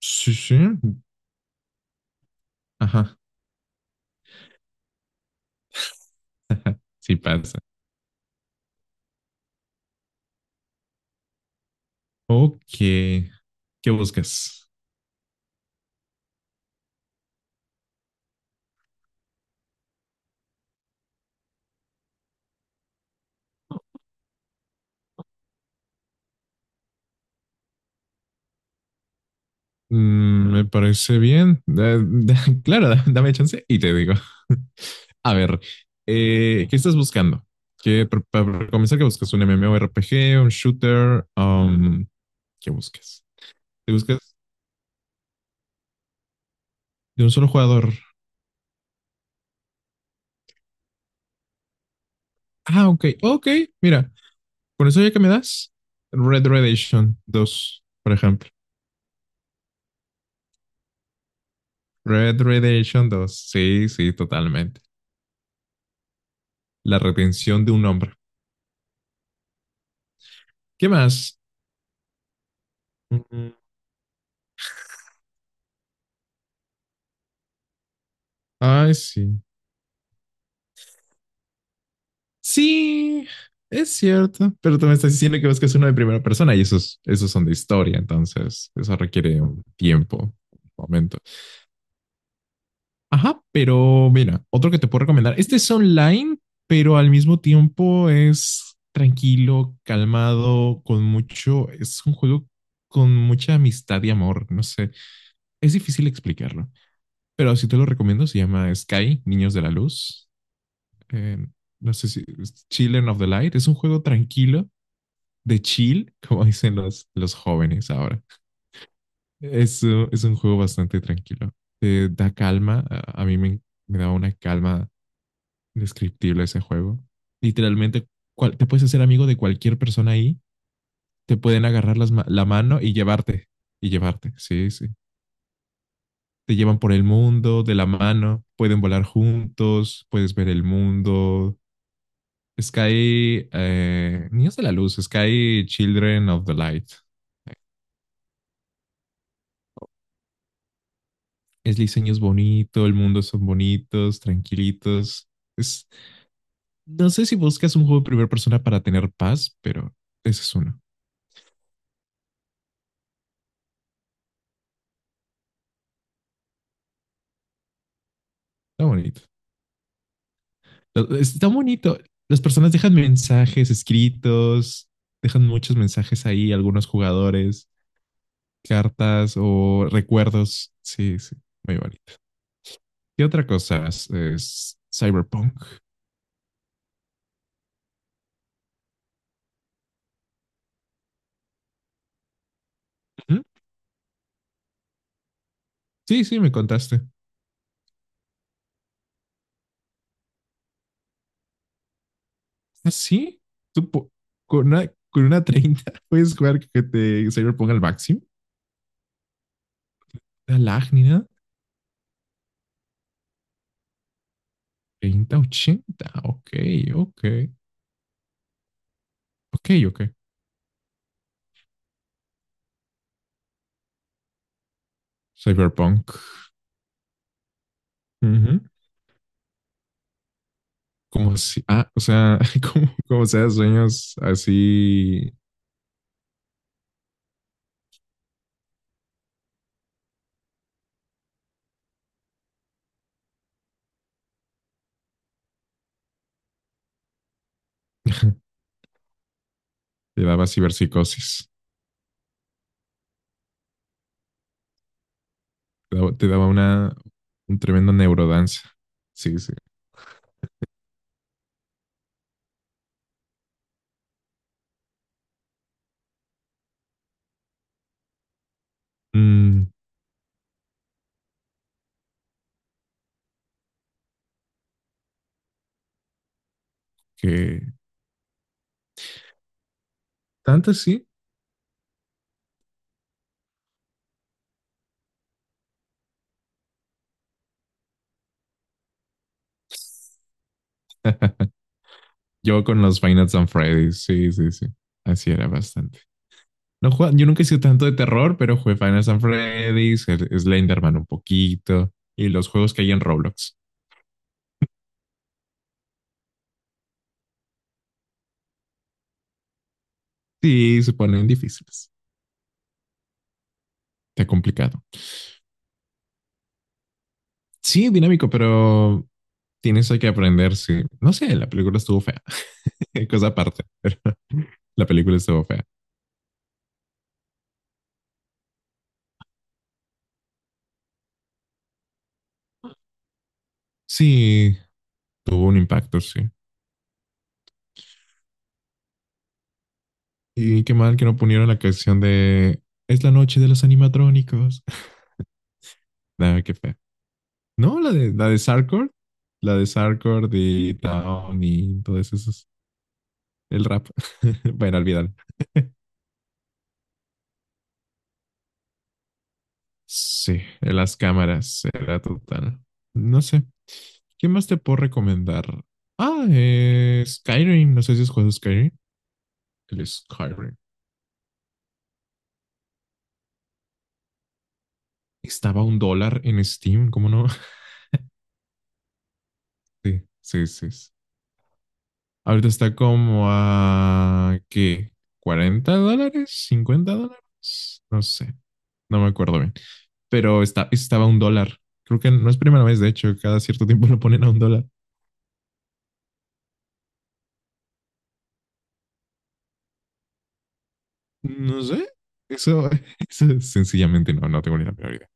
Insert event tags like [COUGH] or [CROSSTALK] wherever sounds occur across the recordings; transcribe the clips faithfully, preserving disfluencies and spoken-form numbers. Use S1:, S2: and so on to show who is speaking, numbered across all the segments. S1: Sí, sí. Ajá. [LAUGHS] Sí pasa. Ok. ¿Qué buscas? Mm, me parece bien. Da- da- [LAUGHS] claro, da- dame chance y te digo. A ver, eh, ¿qué estás buscando? ¿Qué, pa- pa- ¿para comenzar, qué buscas? ¿Un MMORPG, un shooter? Um, ¿qué buscas? ¿Te buscas de un solo jugador? Ah, ok, ok. Mira, con eso ya que me das, Red Redemption dos, por ejemplo. Red Redemption dos, sí, sí, totalmente. La retención de un hombre. ¿Qué más? Mm. Ay, sí. Sí, es cierto, pero tú me estás diciendo que buscas uno de primera persona y esos, esos son de historia, entonces eso requiere un tiempo, un momento. Ajá, pero mira, otro que te puedo recomendar. Este es online, pero al mismo tiempo es tranquilo, calmado, con mucho. Es un juego con mucha amistad y amor, no sé. Es difícil explicarlo, pero si te lo recomiendo, se llama Sky, Niños de la Luz. eh, no sé si Children of the Light, es un juego tranquilo, de chill, [LAUGHS] como dicen los, los jóvenes ahora. Es, uh, es un juego bastante tranquilo, te da calma, a, a mí me, me da una calma indescriptible ese juego. Literalmente, cual- te puedes hacer amigo de cualquier persona ahí, te pueden agarrar las la mano y llevarte, y llevarte, sí, sí. Te llevan por el mundo de la mano, pueden volar juntos, puedes ver el mundo, Sky, eh, Niños de la Luz, Sky Children of the Light. Es diseño es bonito, el mundo son bonitos, tranquilitos. Es, no sé si buscas un juego de primera persona para tener paz, pero ese es uno. Está bonito. Lo- Está bonito. Las personas dejan mensajes escritos, dejan muchos mensajes ahí, algunos jugadores, cartas o recuerdos. Sí, sí, muy bonito. ¿Qué otra cosa es, es, Cyberpunk? Ujú. Sí, sí, me contaste. ¿Ah, sí? ¿Tú po- con una, con una treinta [LAUGHS] puedes jugar que te Cyber ponga el máximo? La lag ni nada. treinta, ochenta. Ok, ok. Ok, ok. Cyberpunk. Ujú. Como si, ah, o sea, [LAUGHS] como, como sea, sueños así. [LAUGHS] Te daba ciberpsicosis. Te daba, te daba una, un tremendo neurodanza. Sí, sí. Mm, que tanto sí. Yo con los Five Nights at Freddy's. Sí, sí, sí. Así era bastante. No jugaba- yo nunca he sido tanto de terror, pero jugué Final Fantasy Freddy's, el- Slenderman un poquito y los juegos que hay en Roblox. Sí, se ponen difíciles. Está complicado. Sí, dinámico, pero tienes que aprender. Sí. No sé, la película estuvo fea. [LAUGHS] Cosa aparte, pero la película estuvo fea. Sí, tuvo un impacto, sí. Y qué mal que no pusieron la canción de Es la noche de los animatrónicos. [LAUGHS] Nada, qué fea. No, la de, la de Sarcord, la de Sarcord y Town y todas esas. El rap. [LAUGHS] Bueno, olvídalo. Sí, en las cámaras era total. No sé. ¿Qué más te puedo recomendar? Ah, eh, Skyrim. No sé si has jugado Skyrim. El Skyrim. Estaba a un dólar en Steam, ¿cómo no? [LAUGHS] Sí, sí, sí. Sí. Ahorita está como a... ¿Qué? ¿Cuarenta dólares? ¿Cincuenta dólares? No sé. No me acuerdo bien. Pero está, estaba a un dólar. Creo que no es primera vez, de hecho. Cada cierto tiempo [LAUGHS] lo ponen a un dólar. No sé, eso, [LAUGHS] eso sencillamente no, no tengo ni la menor idea.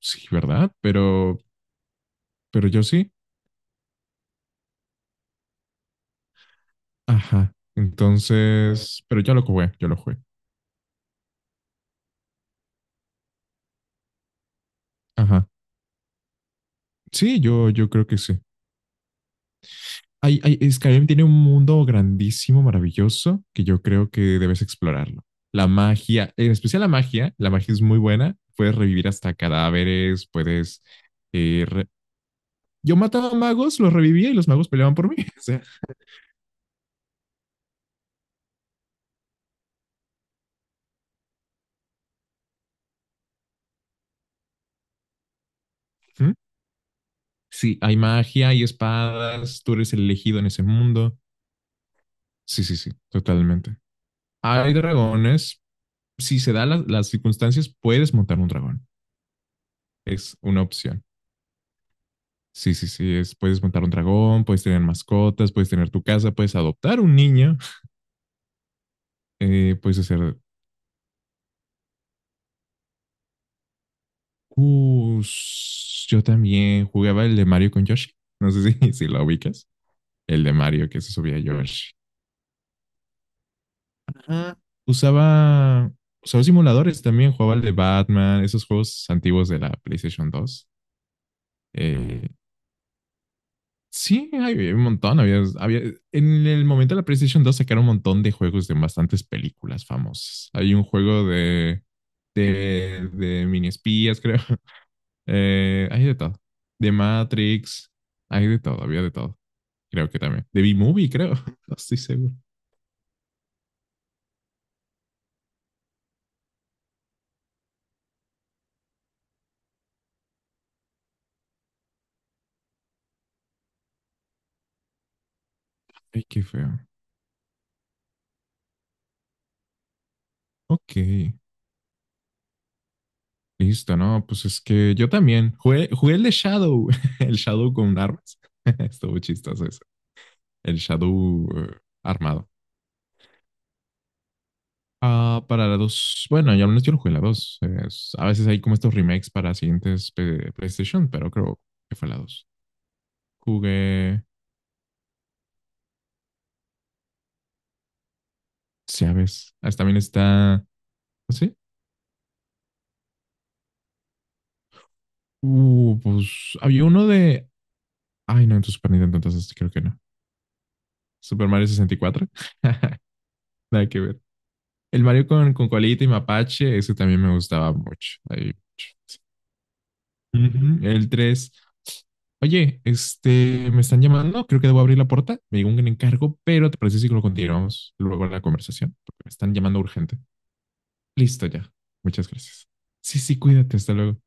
S1: Sí, ¿verdad? Pero, pero yo sí. Ajá. Entonces, pero yo lo jugué, yo lo jugué. Ajá. Sí, yo, yo creo que sí. Hay, hay, Skyrim tiene un mundo grandísimo, maravilloso, que yo creo que debes explorarlo. La magia, en especial la magia, la magia es muy buena. Puedes revivir hasta cadáveres, puedes... eh, re- Yo mataba magos, los revivía y los magos peleaban por mí. [LAUGHS] O sea, sí, hay magia, hay espadas, tú eres el elegido en ese mundo. Sí, sí, sí, totalmente. Hay dragones, si se dan la- las circunstancias, puedes montar un dragón. Es una opción. Sí, sí, sí, es, puedes montar un dragón, puedes tener mascotas, puedes tener tu casa, puedes adoptar un niño, eh, puedes hacer... Uh, s- yo también jugaba el de Mario con Yoshi. No sé si, [LAUGHS] si lo ubicas. El de Mario que se subía a Yoshi. Ah. Usaba, usaba simuladores también, jugaba el de Batman, esos juegos antiguos de la PlayStation dos. Eh, sí, había un montón, había, había- en el momento de la PlayStation dos sacaron un montón de juegos de bastantes películas famosas. Hay un juego de, de, de mini espías, creo. [LAUGHS] Eh, hay de todo. De Matrix, hay de todo, había de todo. Creo que también. De B-Movie, creo. [LAUGHS] No estoy seguro. Ay, qué feo. Ok. Listo, no, pues es que yo también jugué, jugué, el de Shadow, [LAUGHS] el Shadow con armas. [LAUGHS] Estuvo chistoso eso. El Shadow eh, armado. Ah, para la dos bueno, ya al menos yo lo jugué en la dos. Es- a veces hay como estos remakes para siguientes P- PlayStation, pero creo que fue la dos. Jugué, sabes, ah, también está, ¿ah, ¿sí? Uh, pues había uno de, ay no, en tu Super Nintendo, entonces creo que no. Super Mario sesenta y cuatro. [LAUGHS] Nada que ver. El Mario con, con, Colita y Mapache, ese también me gustaba mucho. Ahí. Ujú. El tres. Oye, este, me están llamando, creo que debo abrir la puerta. Me llegó un encargo, pero ¿te parece si lo continuamos luego en la conversación? Porque me están llamando urgente. Listo ya. Muchas gracias. Sí, sí, cuídate, hasta luego.